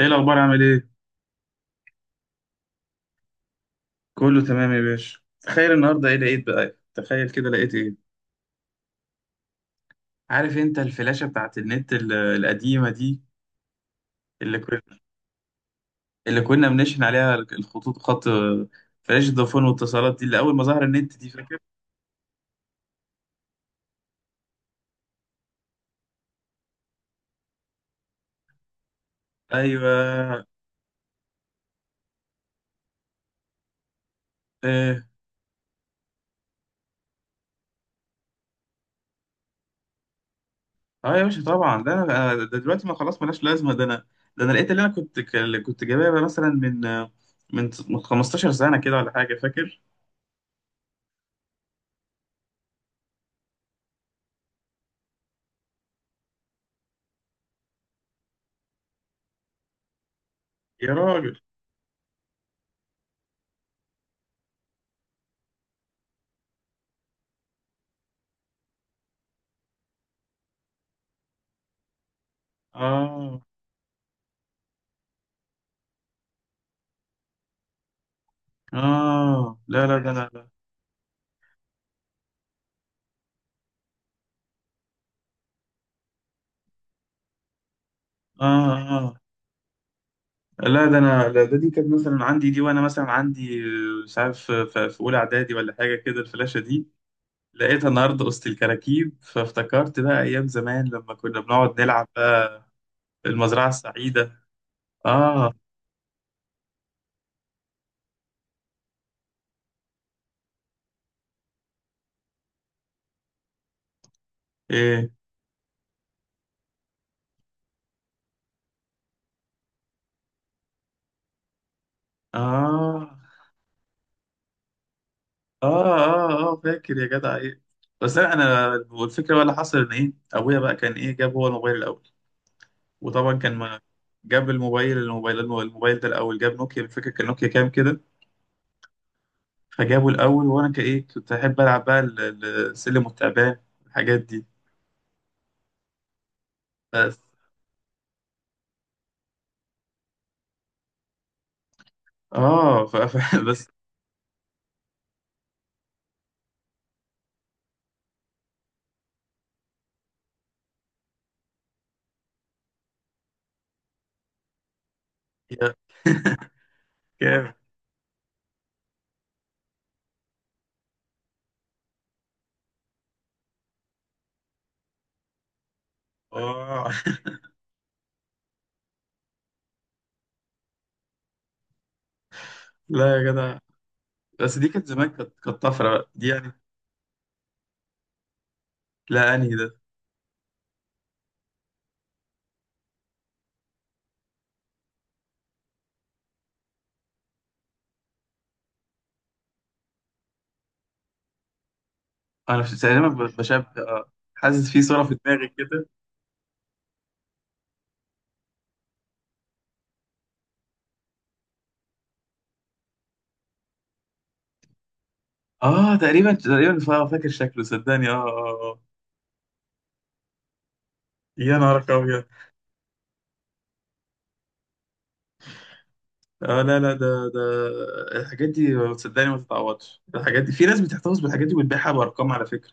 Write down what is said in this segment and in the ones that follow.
ايه الاخبار؟ عامل ايه؟ كله تمام يا باشا. تخيل النهارده ايه لقيت بقى، تخيل كده لقيت ايه؟ عارف انت الفلاشه بتاعت النت القديمه دي، اللي كنا اللي كنا بنشحن عليها الخطوط، خط فلاشه فودافون واتصالات دي، اللي اول ما ظهر النت، دي فاكر؟ ايوه. اه. اه يا باشا طبعا، ده انا ده دلوقتي ما خلاص ملاش لازمه، ده انا ده انا لقيت اللي انا كنت كنت جايبها مثلا من 15 سنه كده ولا حاجه، فاكر؟ يا راجل. اه. اه. لا لا، ده انا. اه. اه. لا ده انا. لا، ده دي كانت مثلا عندي دي، وانا مثلا عندي مش عارف في اولى اعدادي ولا حاجه كده الفلاشه دي. لقيتها النهارده وسط الكراكيب، فافتكرت بقى ايام زمان لما كنا بنقعد نلعب بقى في المزرعه السعيده. اه. ايه. اه. اه. اه. اه، فاكر يا جدع ايه، بس انا والفكره بقى اللي حصل ان ايه ابويا بقى كان ايه جاب هو الموبايل الاول، وطبعا كان ما جاب الموبايل ده الاول، جاب نوكيا، فاكر كان نوكيا كام كده. فجابوا الأول، وأنا كإيه كنت أحب ألعب بقى السلم والتعبان، الحاجات دي، بس. آه ف... ف... بس. يا جامد. آه لا يا جدع. بس دي كانت زمان، كانت طفرة بقى دي يعني. لا أنهي ده؟ أنا في تقريبا بشبه، حاسس في صورة في دماغي كده. آه، تقريبا تقريبا فاكر شكله صدقني. آه. آه. آه. يا نهار أبيض. آه، لا لا، ده الحاجات دي صدقني ما تتعوضش، الحاجات دي في ناس بتحتفظ بالحاجات دي وبتبيعها بأرقام على فكرة.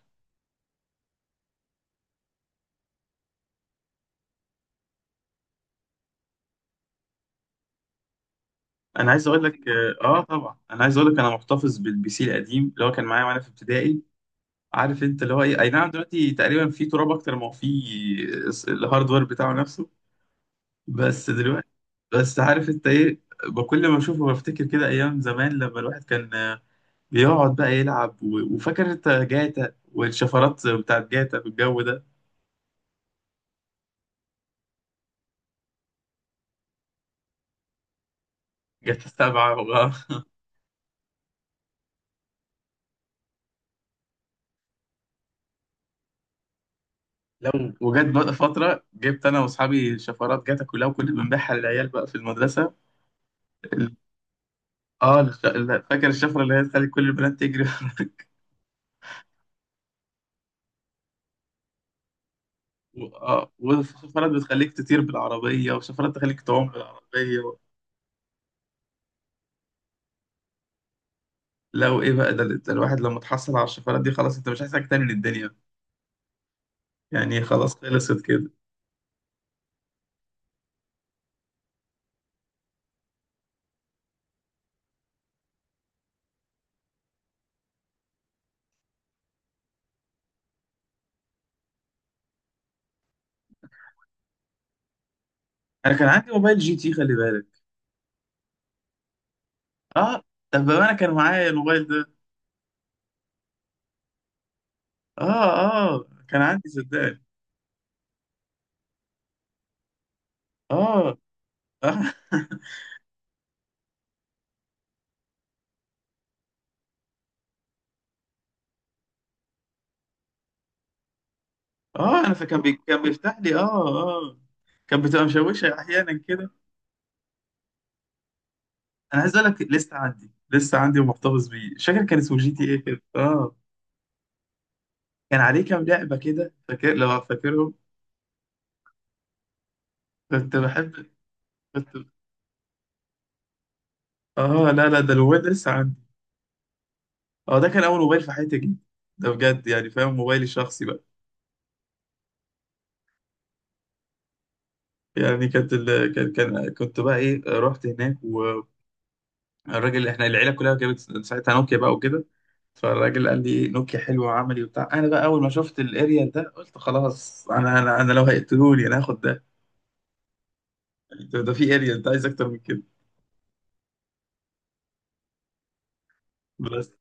انا عايز اقول لك. طبعا انا عايز اقول لك انا محتفظ بالبي سي القديم اللي هو كان معايا وانا في ابتدائي. عارف انت اللي هو ايه، اي نعم، دلوقتي تقريبا في تراب اكتر ما هو في الهاردوير بتاعه نفسه. بس دلوقتي، بس عارف انت ايه، بكل ما اشوفه بفتكر كده ايام زمان لما الواحد كان بيقعد بقى يلعب وفاكر انت جاتا والشفرات بتاعت جاتا والجو ده. جاتا سبعة لو، وجت بقى فترة جبت أنا وأصحابي شفرات جاتا كلها، وكنا بنبيعها للعيال بقى في المدرسة. اه، لا، فاكر الشفرة اللي هي تخلي كل البنات تجري وراك. وشفرات بتخليك تطير بالعربية، وشفرات تخليك تعوم بالعربية، و... لا، وإيه بقى؟ ده الواحد لما تحصل على الشفرات دي خلاص أنت مش عايز حاجة تاني من الدنيا، يعني خلاص خلصت كده. أنا كان عندي موبايل جي تي، خلي بالك. اه، طب بما أنا كان معايا الموبايل ده، اه، اه، كان عندي صدقني. اه. اه. اه انا فكان كان بيفتح لي. اه. اه، كان بتبقى مشوشه احيانا كده. انا عايز اقول لك لسه عندي، لسه عندي ومحتفظ بيه، مش فاكر كان اسمه جي تي ايه كده، اه. كان عليه كام لعبه كده، فاكر لو فاكرهم؟ كنت بحب. كنت اه لا لا، ده الموبايل ده لسه عندي. اه، ده كان اول موبايل في حياتي جدا ده بجد، يعني فاهم، موبايلي الشخصي بقى. يعني كانت كان كنت بقى ايه رحت هناك، والراجل احنا العيله كلها جابت ساعتها نوكيا بقى وكده. فالراجل قال لي نوكيا حلوه وعملي وبتاع. انا بقى اول ما شفت الاريال ده قلت خلاص، انا لو هيقتلوني انا هاخد ده. يعني ده في اريال، ده عايز اكتر من كده. بس.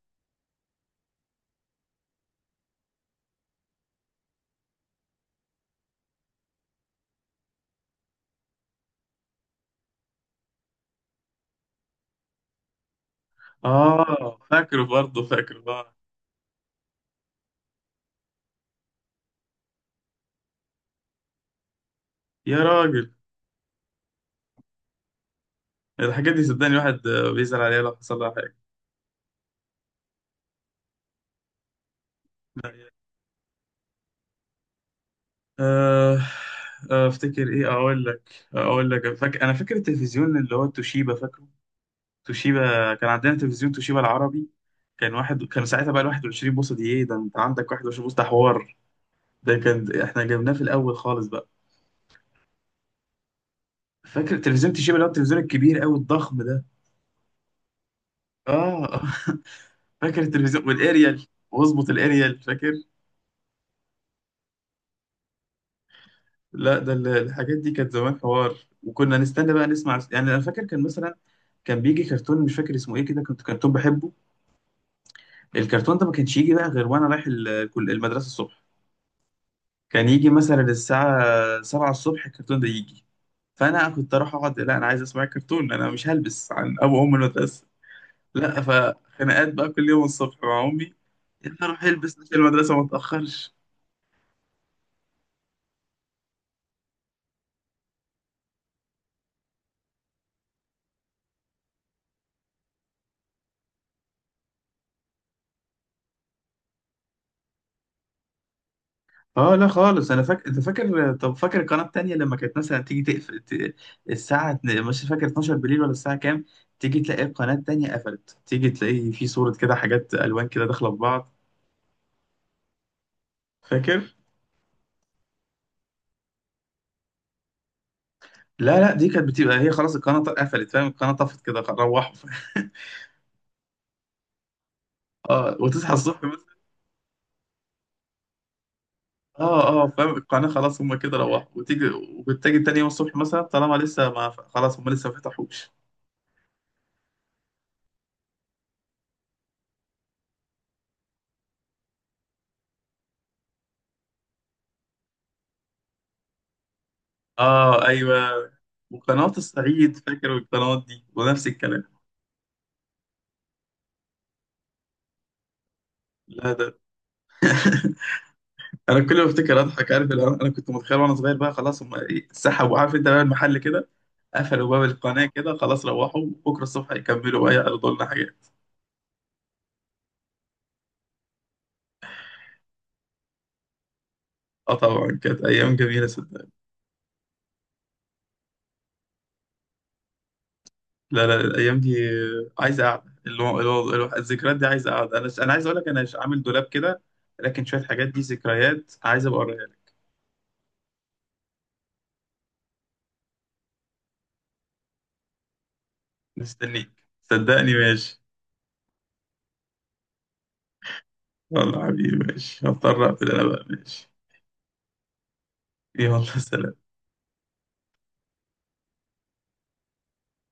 اه، فاكره برضه، فاكره. اه. يا راجل، الحاجات دي صدقني الواحد بيزعل عليها لو حصل لها حاجه. آه، افتكر ايه، اقول لك اقول لك فاكر، انا فاكر التلفزيون اللي هو توشيبا، فاكره؟ توشيبا، كان عندنا تلفزيون توشيبا العربي. كان واحد كان ساعتها بقى ال 21 بوصه دي، ايه ده انت عندك 21 بوصه؟ ده حوار ده، كان احنا جبناه في الاول خالص بقى. فاكر تلفزيون توشيبا اللي هو التلفزيون الكبير قوي الضخم ده. اه آه. فاكر التلفزيون والاريال، واظبط الاريال، فاكر؟ لا ده الحاجات دي كانت زمان حوار. وكنا نستنى بقى نسمع يعني، انا فاكر كان مثلا كان بيجي كرتون مش فاكر اسمه ايه كده، كنت كرتون بحبه. الكرتون ده ما كانش يجي بقى غير وانا رايح المدرسه الصبح. كان يجي مثلا الساعه 7 الصبح الكرتون ده يجي. فانا كنت اروح اقعد، لا انا عايز اسمع الكرتون، انا مش هلبس عن ابو ام المدرسه، لا. فخناقات بقى كل يوم الصبح مع امي، انت روح البس عشان المدرسه ما تاخرش. اه، لا خالص. انا فاكر انت فاكر، طب فاكر القناه التانيه لما كانت مثلا تيجي تقفل الساعه مش فاكر، 12 بالليل ولا الساعه كام، تيجي تلاقي القناه التانيه قفلت، تيجي تلاقي في صوره كده، حاجات الوان كده داخله في بعض، فاكر؟ لا لا، دي كانت بتبقى هي خلاص القناه قفلت، فاهم، القناه طفت كده روحوا. اه وتصحى الصبح مثلا. اه. اه فاهم، القناه خلاص هم كده روحوا، وتيجي، وتيجي تاني يوم الصبح مثلا طالما لسه ما خلاص، هم لسه ما فتحوش. اه. ايوه، وقناه الصعيد فاكر، القنوات دي ونفس الكلام. لا ده انا كل ما افتكر اضحك. عارف اللي هو انا كنت متخيل وانا صغير بقى، خلاص هم سحبوا، عارف انت بقى المحل كده قفلوا باب القناه كده خلاص، روحوا بكره الصبح يكملوا بقى يعرضوا لنا حاجات. اه طبعا كانت ايام جميله صدق. لا لا، الايام دي عايزه قعده، اللي هو الذكريات دي عايزه قعده. انا عايز اقول لك انا عامل دولاب كده، لكن شويه حاجات دي ذكريات، عايز ابقى اوريها لك. مستنيك صدقني. ماشي. يلا حبيبي ماشي، هضطر اقفل انا بقى، ماشي. يلا سلام.